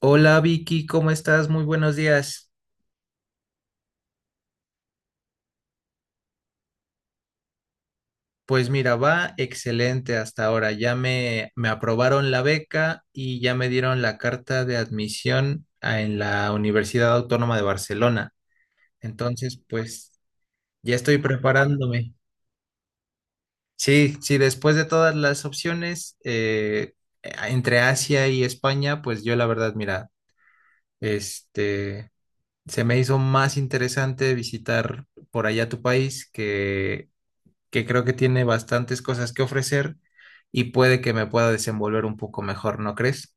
Hola Vicky, ¿cómo estás? Muy buenos días. Pues mira, va excelente hasta ahora. Ya me aprobaron la beca y ya me dieron la carta de admisión en la Universidad Autónoma de Barcelona. Entonces, pues ya estoy preparándome. Sí, sí, después de todas las opciones entre Asia y España, pues yo la verdad, mira, este, se me hizo más interesante visitar por allá tu país que creo que tiene bastantes cosas que ofrecer y puede que me pueda desenvolver un poco mejor, ¿no crees?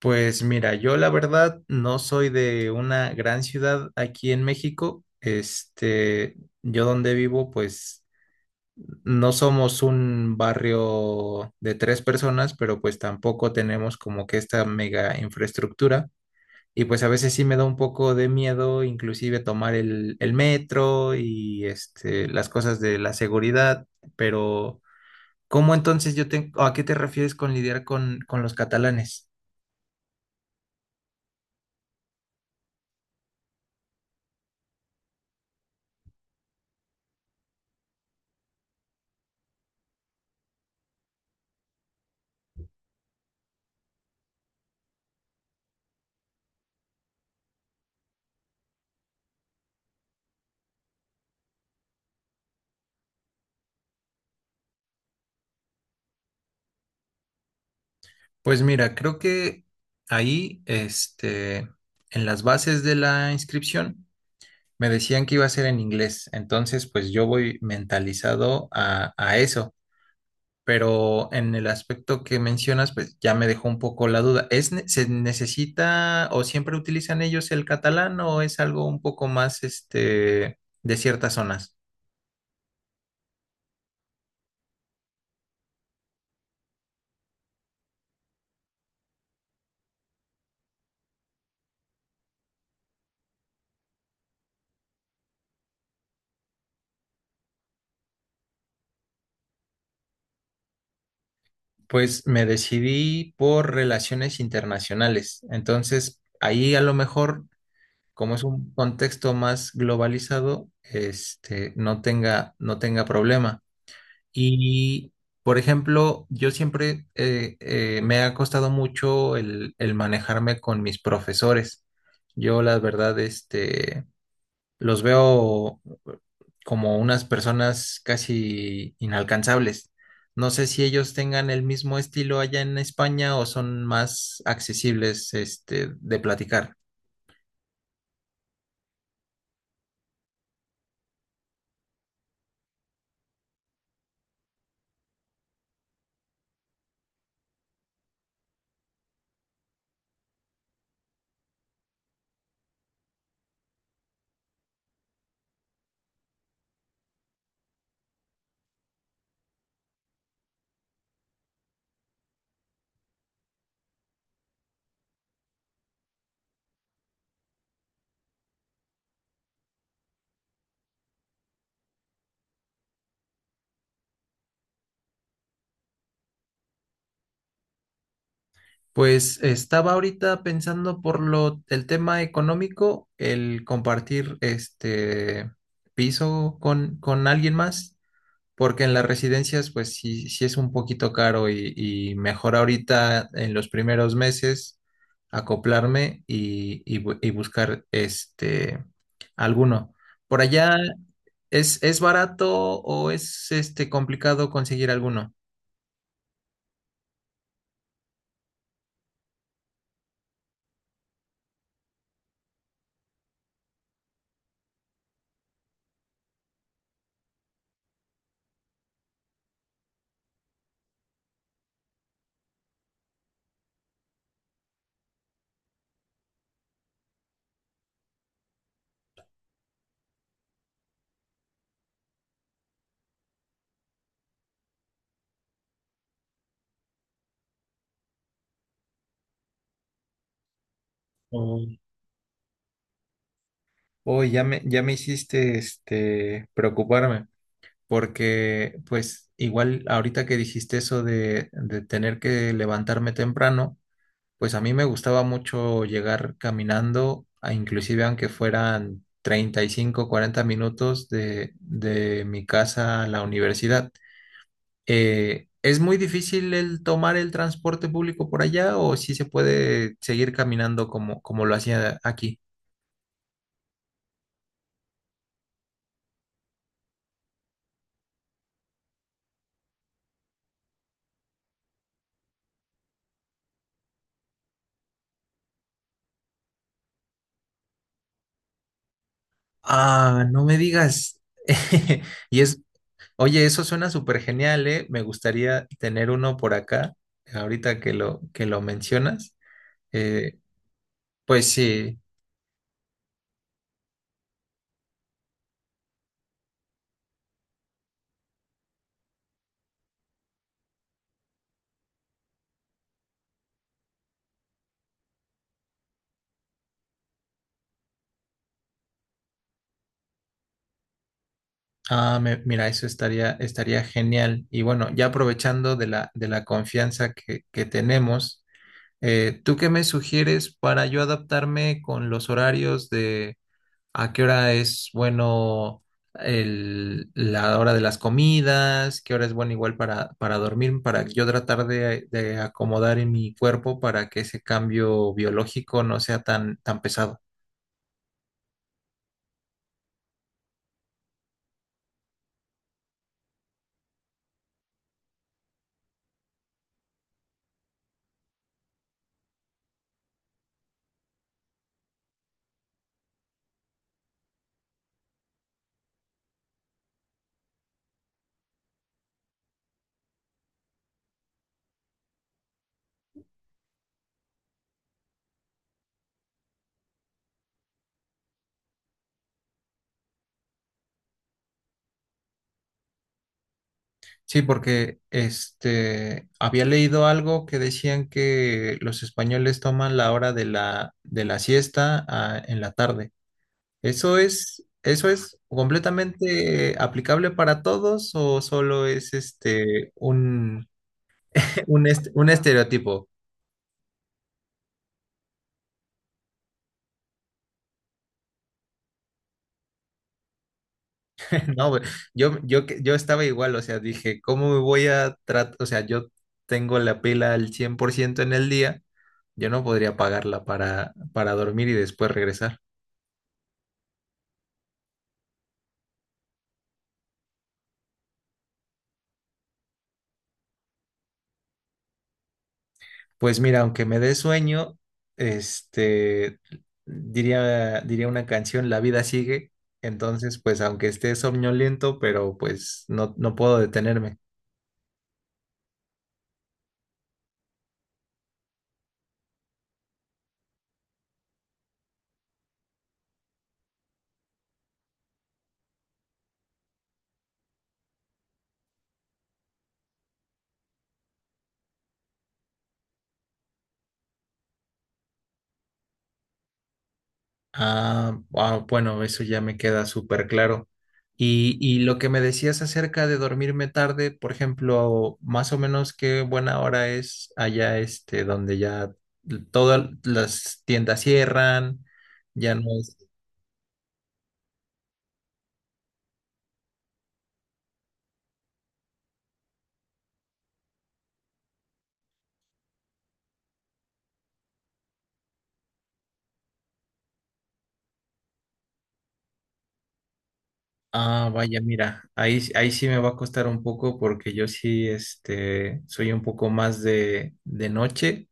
Pues mira, yo la verdad no soy de una gran ciudad aquí en México. Yo donde vivo, pues no somos un barrio de tres personas, pero pues tampoco tenemos como que esta mega infraestructura. Y pues a veces sí me da un poco de miedo, inclusive tomar el metro y las cosas de la seguridad, pero. ¿Cómo entonces a qué te refieres con lidiar con los catalanes? Pues mira, creo que ahí, este, en las bases de la inscripción, me decían que iba a ser en inglés, entonces pues yo voy mentalizado a eso, pero en el aspecto que mencionas, pues ya me dejó un poco la duda. Se necesita o siempre utilizan ellos el catalán o es algo un poco más, de ciertas zonas? Pues me decidí por relaciones internacionales. Entonces, ahí a lo mejor, como es un contexto más globalizado, no tenga problema. Y, por ejemplo, yo siempre me ha costado mucho el manejarme con mis profesores. Yo, la verdad, los veo como unas personas casi inalcanzables. No sé si ellos tengan el mismo estilo allá en España o son más accesibles, de platicar. Pues estaba ahorita pensando por lo el tema económico, el compartir este piso con alguien más. Porque en las residencias, pues sí, sí es un poquito caro y mejor ahorita en los primeros meses acoplarme y buscar alguno. Por allá, ¿es barato o es complicado conseguir alguno? Oh, oh, ya me hiciste preocuparme, porque pues igual ahorita que dijiste eso de tener que levantarme temprano. Pues a mí me gustaba mucho llegar caminando, a inclusive aunque fueran 35, 40 minutos de mi casa a la universidad. ¿Es muy difícil el tomar el transporte público por allá o si se puede seguir caminando como lo hacía aquí? Ah, no me digas. Y es, oye, eso suena súper genial, ¿eh? Me gustaría tener uno por acá, ahorita que lo mencionas. Eh, pues sí. Ah, mira, eso estaría genial. Y bueno, ya aprovechando de la confianza que tenemos, ¿tú qué me sugieres para yo adaptarme con los horarios de a qué hora es bueno la hora de las comidas, qué hora es bueno igual para dormir, para yo tratar de acomodar en mi cuerpo para que ese cambio biológico no sea tan, tan pesado? Sí, porque había leído algo que decían que los españoles toman la hora de la siesta en la tarde. ¿Eso es completamente aplicable para todos o solo es un un estereotipo? No, güey, yo estaba igual, o sea, dije, ¿cómo me voy a tratar? O sea, yo tengo la pila al 100% en el día, yo no podría pagarla para dormir y después regresar. Pues mira, aunque me dé sueño, este, diría una canción, La vida sigue. Entonces, pues aunque esté somnoliento, pero pues no, no puedo detenerme. Ah, ah, bueno, eso ya me queda súper claro. Y lo que me decías acerca de dormirme tarde, por ejemplo, más o menos qué buena hora es allá donde ya todas las tiendas cierran, ya no. Ah, vaya, mira, ahí sí me va a costar un poco porque yo sí, soy un poco más de noche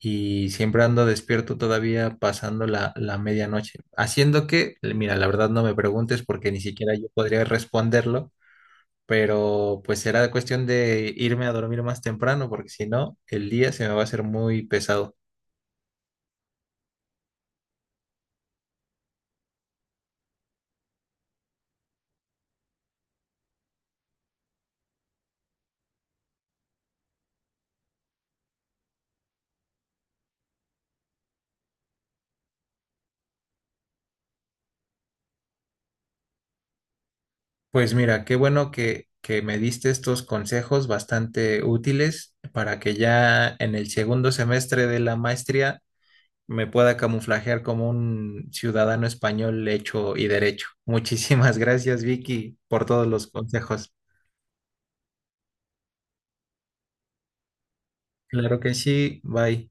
y siempre ando despierto todavía pasando la medianoche. Haciendo que, mira, la verdad no me preguntes porque ni siquiera yo podría responderlo, pero pues será cuestión de irme a dormir más temprano porque si no, el día se me va a hacer muy pesado. Pues mira, qué bueno que me diste estos consejos bastante útiles para que ya en el segundo semestre de la maestría me pueda camuflajear como un ciudadano español hecho y derecho. Muchísimas gracias, Vicky, por todos los consejos. Claro que sí, bye.